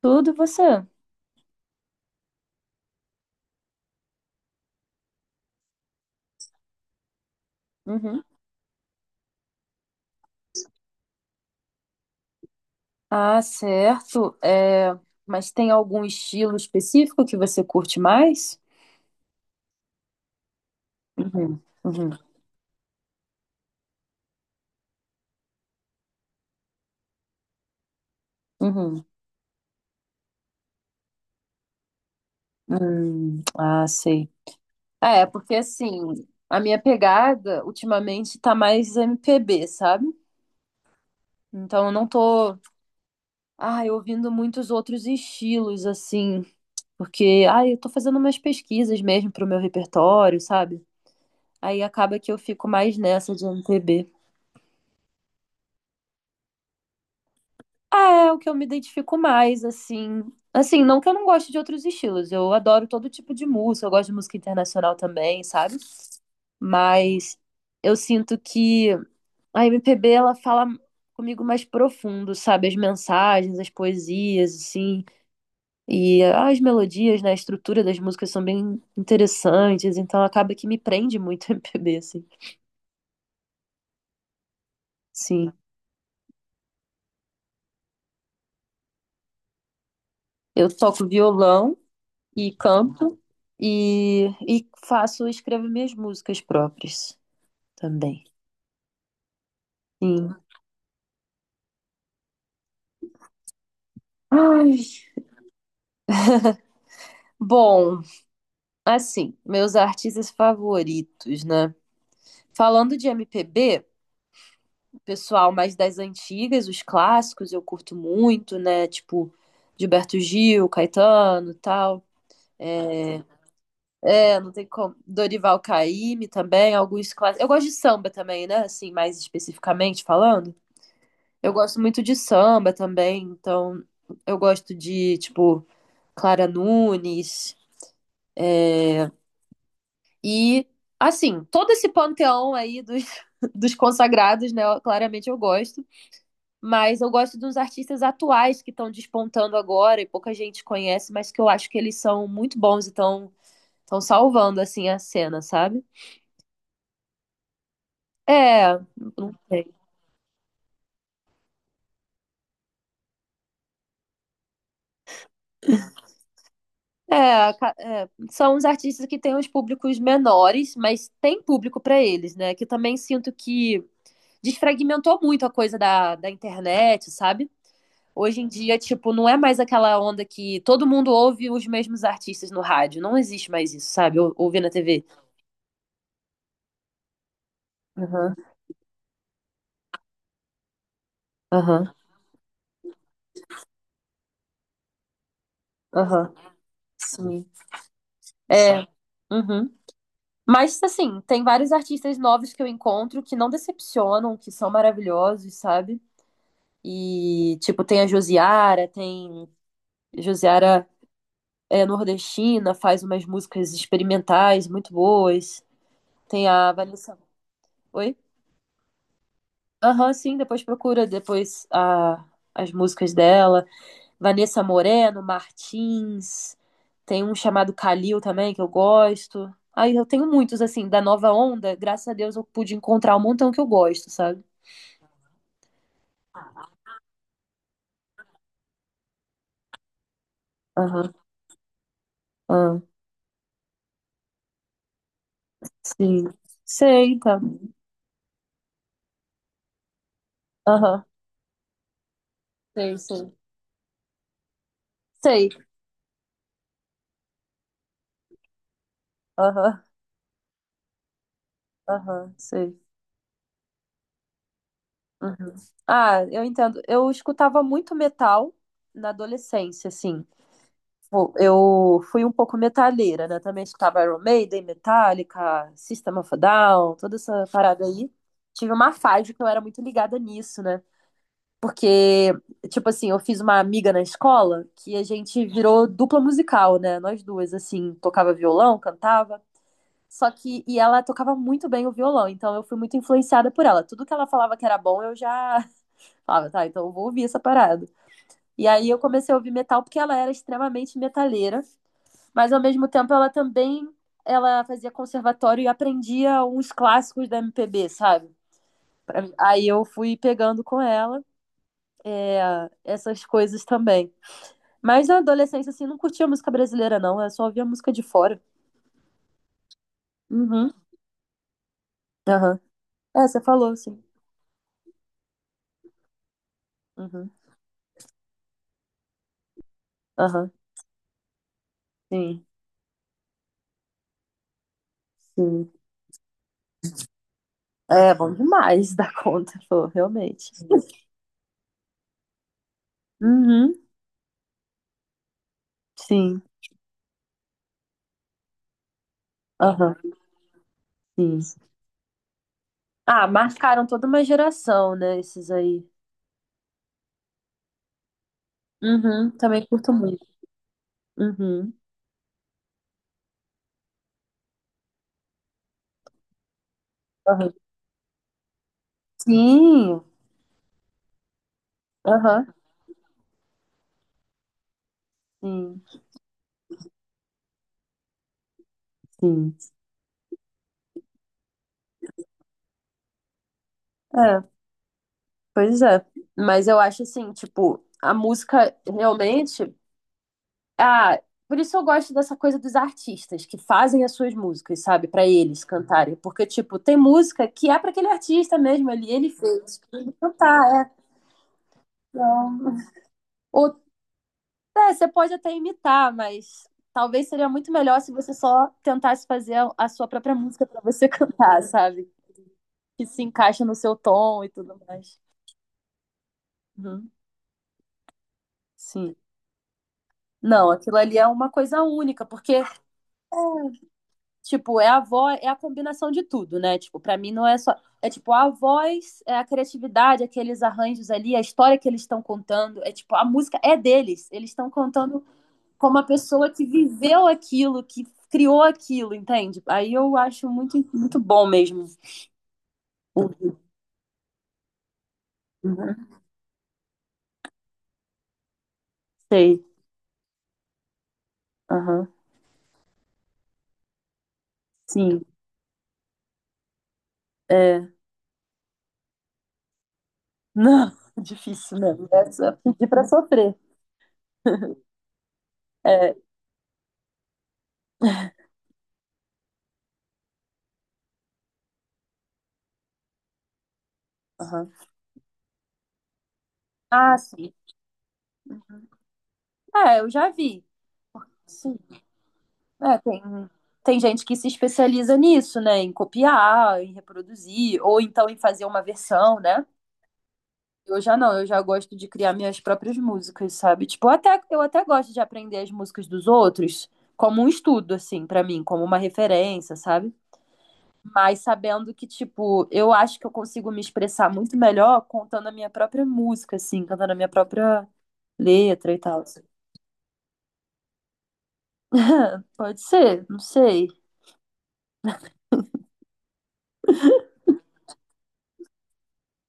Tudo você? Uhum. Ah, certo. Mas tem algum estilo específico que você curte mais? Uhum, uhum, uhum. Ah, sei. Ah, porque assim, a minha pegada ultimamente tá mais MPB, sabe? Então eu não tô, ai, ouvindo muitos outros estilos, assim, eu tô fazendo umas pesquisas mesmo pro meu repertório, sabe? Aí acaba que eu fico mais nessa de MPB. Ah, É, o que eu me identifico mais, assim. Assim, não que eu não goste de outros estilos, eu adoro todo tipo de música, eu gosto de música internacional também, sabe? Mas eu sinto que a MPB, ela fala comigo mais profundo, sabe? As mensagens, as poesias, assim, e as melodias, né? A estrutura das músicas são bem interessantes, então acaba que me prende muito a MPB, assim. Sim, eu toco violão e canto e escrevo minhas músicas próprias também. Sim. Ai. Bom, assim, meus artistas favoritos, né? Falando de MPB, pessoal mais das antigas, os clássicos, eu curto muito, né? Tipo, Gilberto Gil, Caetano, e tal. É, não tem como. Dorival Caymmi também, alguns clássicos. Eu gosto de samba também, né? Assim, mais especificamente falando. Eu gosto muito de samba também, então eu gosto de, tipo, Clara Nunes, é, E, assim, todo esse panteão aí dos, dos consagrados, né? Claramente eu gosto. Mas eu gosto dos artistas atuais que estão despontando agora e pouca gente conhece, mas que eu acho que eles são muito bons e estão salvando, assim, a cena, sabe? É, não sei. É, é, são os artistas que têm os públicos menores, mas tem público para eles, né? Que eu também sinto que desfragmentou muito a coisa da internet, sabe? Hoje em dia, tipo, não é mais aquela onda que todo mundo ouve os mesmos artistas no rádio. Não existe mais isso, sabe? Ouvir na TV. Aham, aham, aham. Sim. É. Uhum. Mas, assim, tem vários artistas novos que eu encontro que não decepcionam, que são maravilhosos, sabe? E, tipo, tem a Josiara, tem. Josiara é nordestina, faz umas músicas experimentais muito boas. Tem a Vanessa. Oi? Aham, sim, depois procura depois a, as músicas dela. Vanessa Moreno, Martins, tem um chamado Kalil também, que eu gosto. Aí eu tenho muitos, assim, da nova onda, graças a Deus eu pude encontrar um montão que eu gosto, sabe? Aham, aham, sim. Sei, tá. Aham, sei, sei. Sei, aham, aham, sei. Uhum. Ah, eu entendo. Eu escutava muito metal na adolescência, assim. Tipo, eu fui um pouco metaleira, né? Também escutava Iron Maiden, Metallica, System of a Down, toda essa parada aí. Tive uma fase que eu era muito ligada nisso, né? Porque, tipo assim, eu fiz uma amiga na escola que a gente virou dupla musical, né? Nós duas, assim, tocava violão, cantava. Só que, e ela tocava muito bem o violão, então eu fui muito influenciada por ela. Tudo que ela falava que era bom, eu já falava, tá, então eu vou ouvir essa parada. E aí eu comecei a ouvir metal porque ela era extremamente metaleira, mas ao mesmo tempo ela também ela fazia conservatório e aprendia uns clássicos da MPB, sabe? Pra mim. Aí eu fui pegando com ela é, essas coisas também. Mas na adolescência, assim, não curtia música brasileira, não. Eu só ouvia música de fora. Uhum. Aham. É, você falou, sim. Uhum. Aham. Sim, sim. É bom demais da conta, pô, realmente. Uhum. Sim. Aham. Sim. Ah, marcaram toda uma geração, né? Esses aí. Uhum. Também curto muito. Uhum. Aham. Sim, aham, sim, sim. É, pois é. Mas eu acho assim, tipo, a música realmente. Ah, por isso eu gosto dessa coisa dos artistas que fazem as suas músicas, sabe, pra eles cantarem. Porque, tipo, tem música que é pra aquele artista mesmo ali, ele fez pra ele cantar, é. Então, Ou, é, você pode até imitar, mas talvez seria muito melhor se você só tentasse fazer a sua própria música pra você cantar, sabe? Que se encaixa no seu tom e tudo mais. Uhum, sim. Não, aquilo ali é uma coisa única, porque, tipo, é a voz, é a combinação de tudo, né? Tipo, pra mim não é só. É tipo, a voz, é a criatividade, aqueles arranjos ali, a história que eles estão contando. É tipo, a música é deles. Eles estão contando como a pessoa que viveu aquilo, que criou aquilo, entende? Aí eu acho muito, muito bom mesmo. Uhum, sei. Aham. Sim. É. Não, difícil mesmo. É só pedir pra sofrer. É, aham. Ah, sim. É, eu já vi. Sim. É, tem gente que se especializa nisso, né? Em copiar, em reproduzir, ou então em fazer uma versão, né? Eu já não, eu já gosto de criar minhas próprias músicas, sabe? Tipo, eu até gosto de aprender as músicas dos outros como um estudo, assim, pra mim, como uma referência, sabe? Mas sabendo que, tipo, eu acho que eu consigo me expressar muito melhor contando a minha própria música, assim, cantando a minha própria letra e tal. Pode ser, não sei.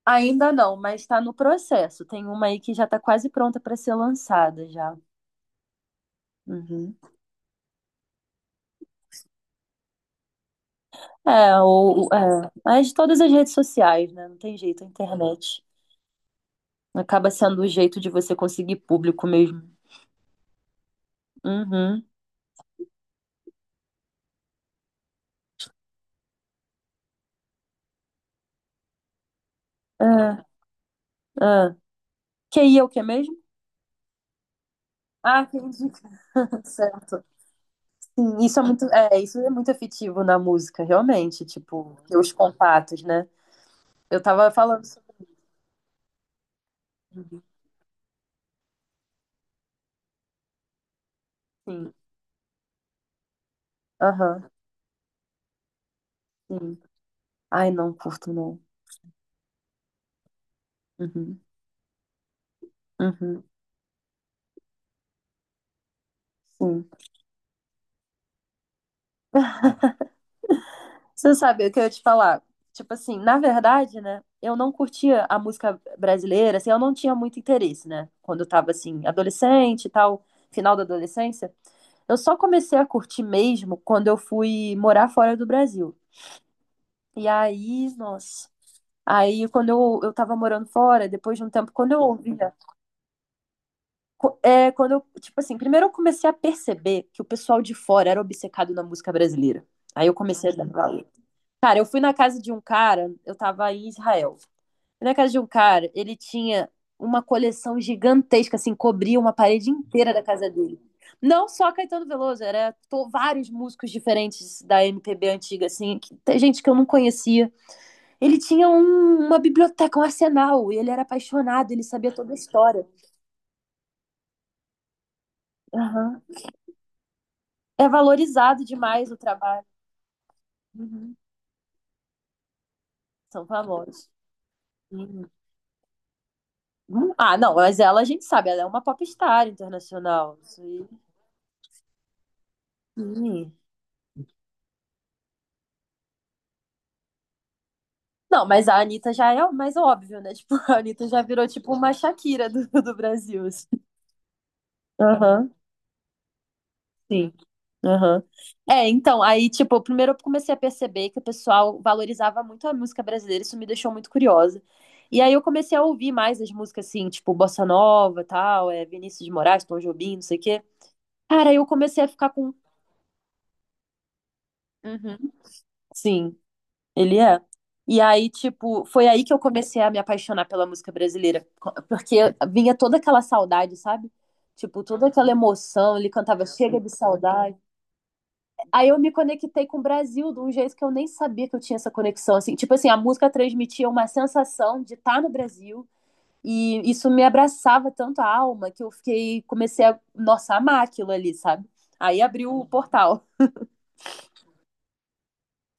Ainda não, mas está no processo. Tem uma aí que já está quase pronta para ser lançada já. Uhum. É, é, mas de todas as redes sociais, né? Não tem jeito, a internet. Acaba sendo o jeito de você conseguir público mesmo. Uhum. É, é. QI é o que mesmo? Ah, que entendi, certo. Sim, é, isso é muito afetivo na música, realmente, tipo, ter os contatos, né? Eu tava falando sobre. Sim, aham, sim. Ai, não curto, não. Uhum, uhum, sim. Você sabe o que eu ia te falar? Tipo assim, na verdade, né? Eu não curtia a música brasileira, assim, eu não tinha muito interesse, né? Quando eu tava, assim, adolescente e tal, final da adolescência. Eu só comecei a curtir mesmo quando eu fui morar fora do Brasil. E aí, nossa. Aí, eu tava morando fora, depois de um tempo, quando eu ouvia. É, tipo assim, primeiro eu comecei a perceber que o pessoal de fora era obcecado na música brasileira. Aí eu comecei a dar valor. Cara, eu fui na casa de um cara, eu tava em Israel. Fui na casa de um cara, ele tinha uma coleção gigantesca, assim, cobria uma parede inteira da casa dele. Não só Caetano Veloso, era vários músicos diferentes da MPB antiga, assim, tem gente que eu não conhecia. Ele tinha uma biblioteca, um arsenal, e ele era apaixonado, ele sabia toda a história. Aham. É valorizado demais o trabalho. Uhum. São famosos. Uhum. Ah, não, mas ela a gente sabe, ela é uma popstar internacional. Isso aí. Sim. Não, mas a Anitta já é o mais óbvio, né? Tipo, a Anitta já virou tipo uma Shakira do Brasil, assim. Aham, sim. Aham. É, então, aí, tipo, primeiro eu comecei a perceber que o pessoal valorizava muito a música brasileira, isso me deixou muito curiosa. E aí eu comecei a ouvir mais as músicas, assim, tipo, Bossa Nova, tal, é, Vinícius de Moraes, Tom Jobim, não sei o quê. Cara, aí eu comecei a ficar com... Uhum. Sim. Ele é. E aí, tipo, foi aí que eu comecei a me apaixonar pela música brasileira, porque vinha toda aquela saudade, sabe? Tipo, toda aquela emoção, ele cantava Chega de Saudade. Aí eu me conectei com o Brasil de um jeito que eu nem sabia que eu tinha essa conexão, assim. Tipo assim, a música transmitia uma sensação de estar no Brasil e isso me abraçava tanto a alma que eu fiquei, comecei a, nossa, amar aquilo ali, sabe? Aí abriu o portal.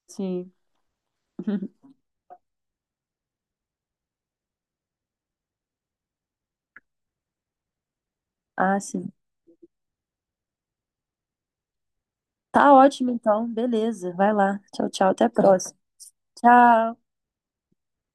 Sim. Ah, sim. Tá ótimo, então. Beleza. Vai lá. Tchau, tchau. Até a próxima. Tchau.